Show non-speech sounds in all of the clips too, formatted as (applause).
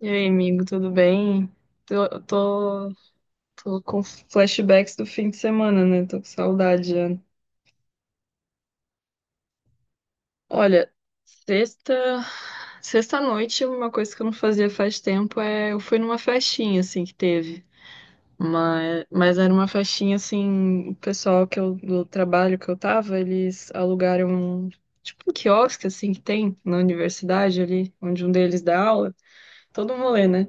E aí, amigo, tudo bem? Tô, tô, tô com flashbacks do fim de semana, né? Tô com saudade já. Olha, sexta, sexta noite, uma coisa que eu não fazia faz tempo é eu fui numa festinha assim que teve. Mas era uma festinha assim, o pessoal do trabalho que eu tava, eles alugaram um, tipo um quiosque assim que tem na universidade ali, onde um deles dá aula. Todo um rolê, né?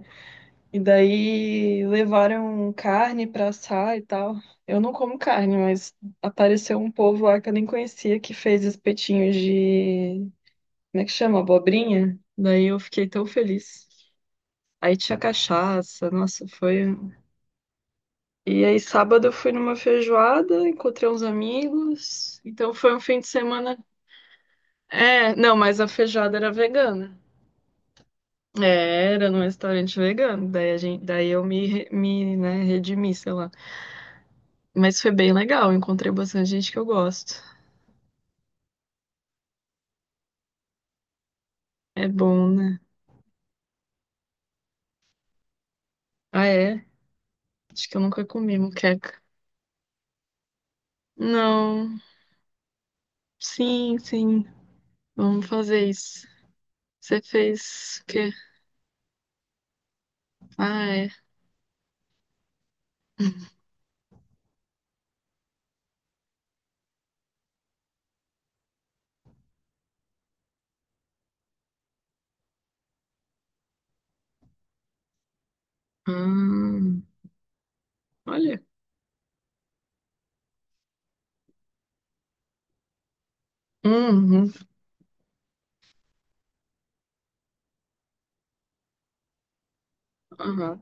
E daí levaram carne pra assar e tal. Eu não como carne, mas apareceu um povo lá que eu nem conhecia que fez espetinhos de. Como é que chama? Abobrinha? Daí eu fiquei tão feliz. Aí tinha cachaça, nossa, foi um. E aí sábado eu fui numa feijoada, encontrei uns amigos. Então foi um fim de semana. É, não, mas a feijoada era vegana. É, era num restaurante vegano. Daí, daí eu me, né, redimi, sei lá. Mas foi bem legal, encontrei bastante gente que eu gosto. É bom, né? Ah, é? Acho que eu nunca comi moqueca. Não, sim, sim. Vamos fazer isso. Você fez o quê? Ah, é. Hum, olha. Uhum. Aham.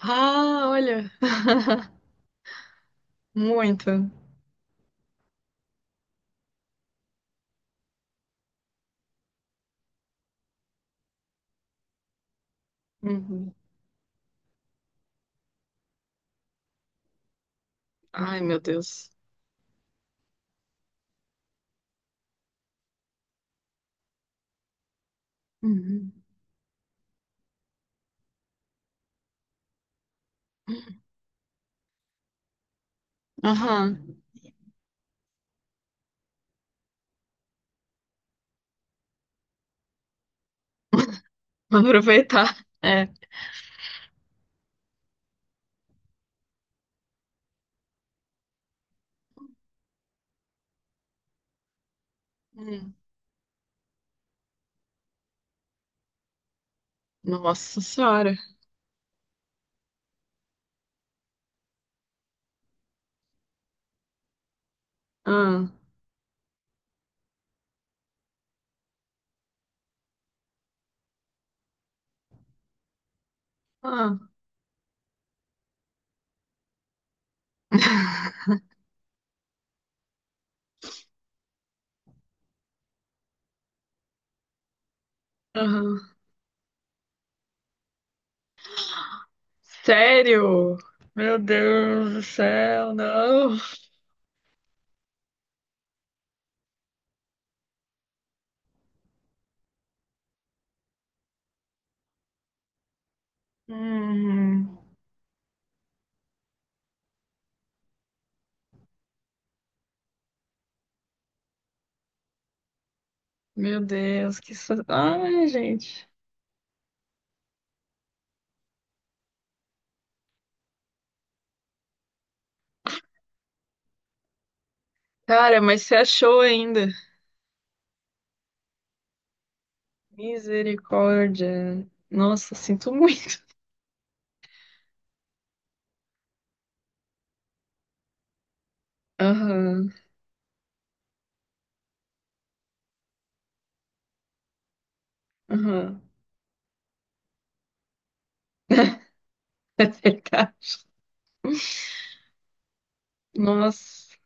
Ah, olha. (laughs) Muito. Uhum. Ai, meu Deus. Uhum. Aham. Vou aproveitar. É. Hum. Nossa Senhora. Ah, ah. (laughs) Aham. Sério? Meu Deus do céu, não. Uhum. Meu Deus, ai, gente. Cara, mas você achou ainda? Misericórdia. Nossa, sinto muito. Aham, aham. (laughs) É verdade. Nossa,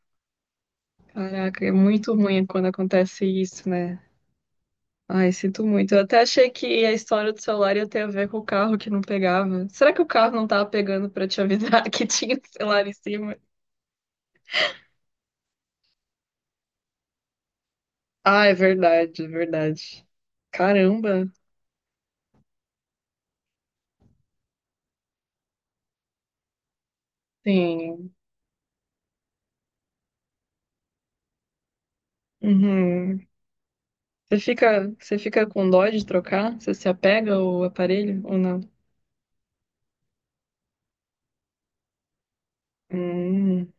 caraca, é muito ruim quando acontece isso, né? Ai, sinto muito. Eu até achei que a história do celular ia ter a ver com o carro que não pegava. Será que o carro não tava pegando pra te avisar (laughs) que tinha o celular em cima? Ah, é verdade, é verdade. Caramba, sim. Uhum. Você fica com dó de trocar? Você se apega ao aparelho ou não? Hum,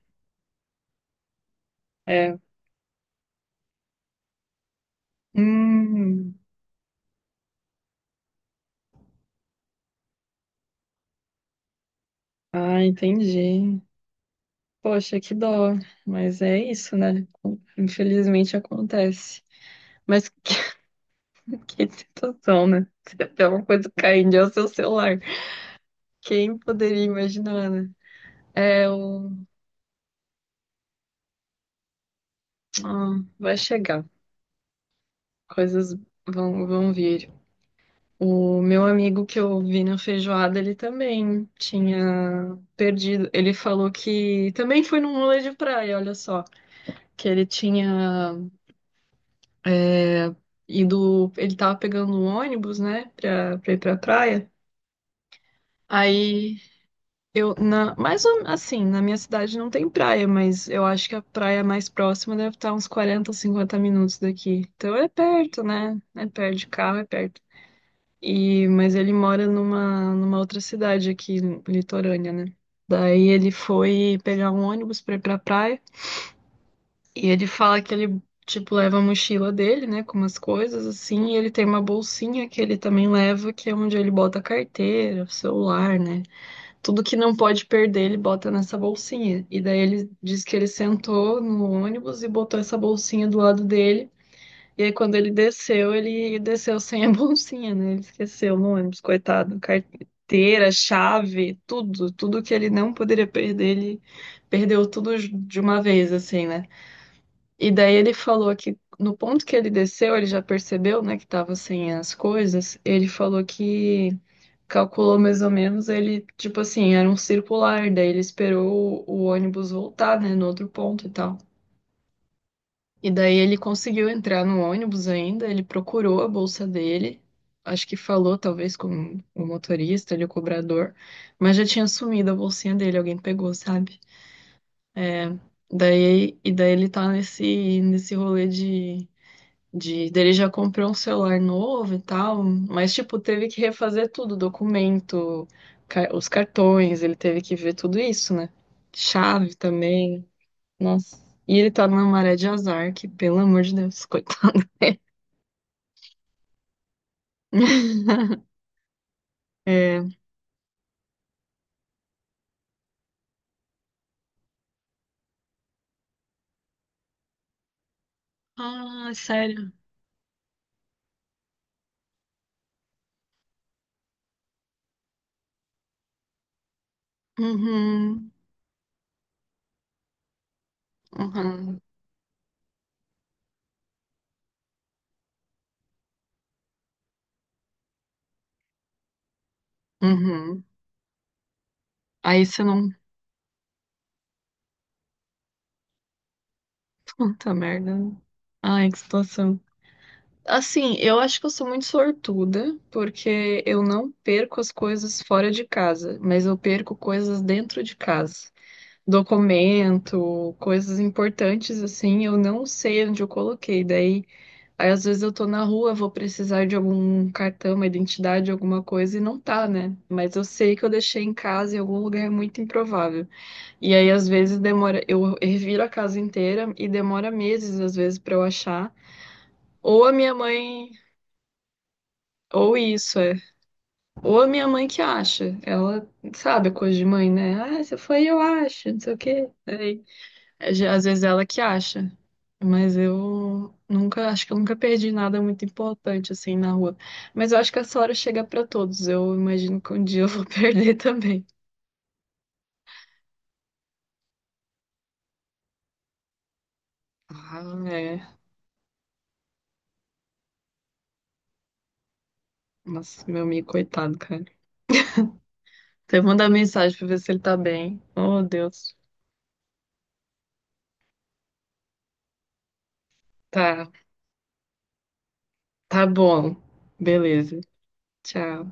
é. Hum. Ah, entendi. Poxa, que dó. Mas é isso, né? Infelizmente acontece. Mas (laughs) que situação, né? Se até uma coisa caindo é o seu celular. Quem poderia imaginar, né? É o. Ah, vai chegar. Coisas vão vir. O meu amigo que eu vi na feijoada, ele também tinha perdido. Ele falou que também foi num rolê de praia, olha só, que ele tinha é, ido, ele tava pegando um ônibus, né, pra, pra ir pra praia. Aí eu, na, assim, na minha cidade não tem praia, mas eu acho que a praia mais próxima deve estar uns 40, 50 minutos daqui. Então é perto, né? É perto de carro, é perto. E, mas ele mora numa outra cidade aqui, litorânea, né? Daí ele foi pegar um ônibus pra ir pra praia. E ele fala que ele, tipo, leva a mochila dele, né? Com umas coisas assim. E ele tem uma bolsinha que ele também leva, que é onde ele bota a carteira, o celular, né? Tudo que não pode perder, ele bota nessa bolsinha. E daí ele diz que ele sentou no ônibus e botou essa bolsinha do lado dele. E aí, quando ele desceu sem a (laughs) bolsinha, né? Ele esqueceu no ônibus, coitado. Carteira, chave, tudo. Tudo que ele não poderia perder, ele perdeu tudo de uma vez, assim, né? E daí ele falou que no ponto que ele desceu, ele já percebeu, né, que tava sem as coisas. Ele falou que calculou mais ou menos, ele, tipo assim, era um circular. Daí ele esperou o ônibus voltar, né, no outro ponto e tal. E daí ele conseguiu entrar no ônibus ainda, ele procurou a bolsa dele, acho que falou talvez com o motorista, ali, o cobrador, mas já tinha sumido a bolsinha dele, alguém pegou, sabe? É, daí, e daí ele tá nesse rolê de. Daí ele já comprou um celular novo e tal, mas tipo, teve que refazer tudo, documento, os cartões, ele teve que ver tudo isso, né? Chave também. Nossa. E ele tá numa maré de azar, que pelo amor de Deus, coitado. (laughs) É. Ah, sério. Uhum, uhum, uhum. Aí você não. (laughs) Puta merda, né? Ai, que situação. Assim, eu acho que eu sou muito sortuda, porque eu não perco as coisas fora de casa, mas eu perco coisas dentro de casa. Documento, coisas importantes, assim, eu não sei onde eu coloquei. Daí, aí às vezes eu tô na rua, vou precisar de algum cartão, uma identidade, alguma coisa e não tá, né? Mas eu sei que eu deixei em casa em algum lugar é muito improvável. E aí às vezes demora, eu reviro a casa inteira e demora meses às vezes pra eu achar. Ou a minha mãe, ou isso é. Ou a minha mãe que acha. Ela sabe coisa de mãe, né? Ah, se foi eu acho, não sei o quê. É, às vezes ela que acha, mas eu nunca, acho que eu nunca perdi nada muito importante assim na rua. Mas eu acho que essa hora chega pra todos. Eu imagino que um dia eu vou (laughs) perder também. Ah, é. Nossa, meu amigo, coitado, cara. Você manda mensagem pra ver se ele tá bem. Oh, Deus. Tá, tá bom. Beleza. Tchau.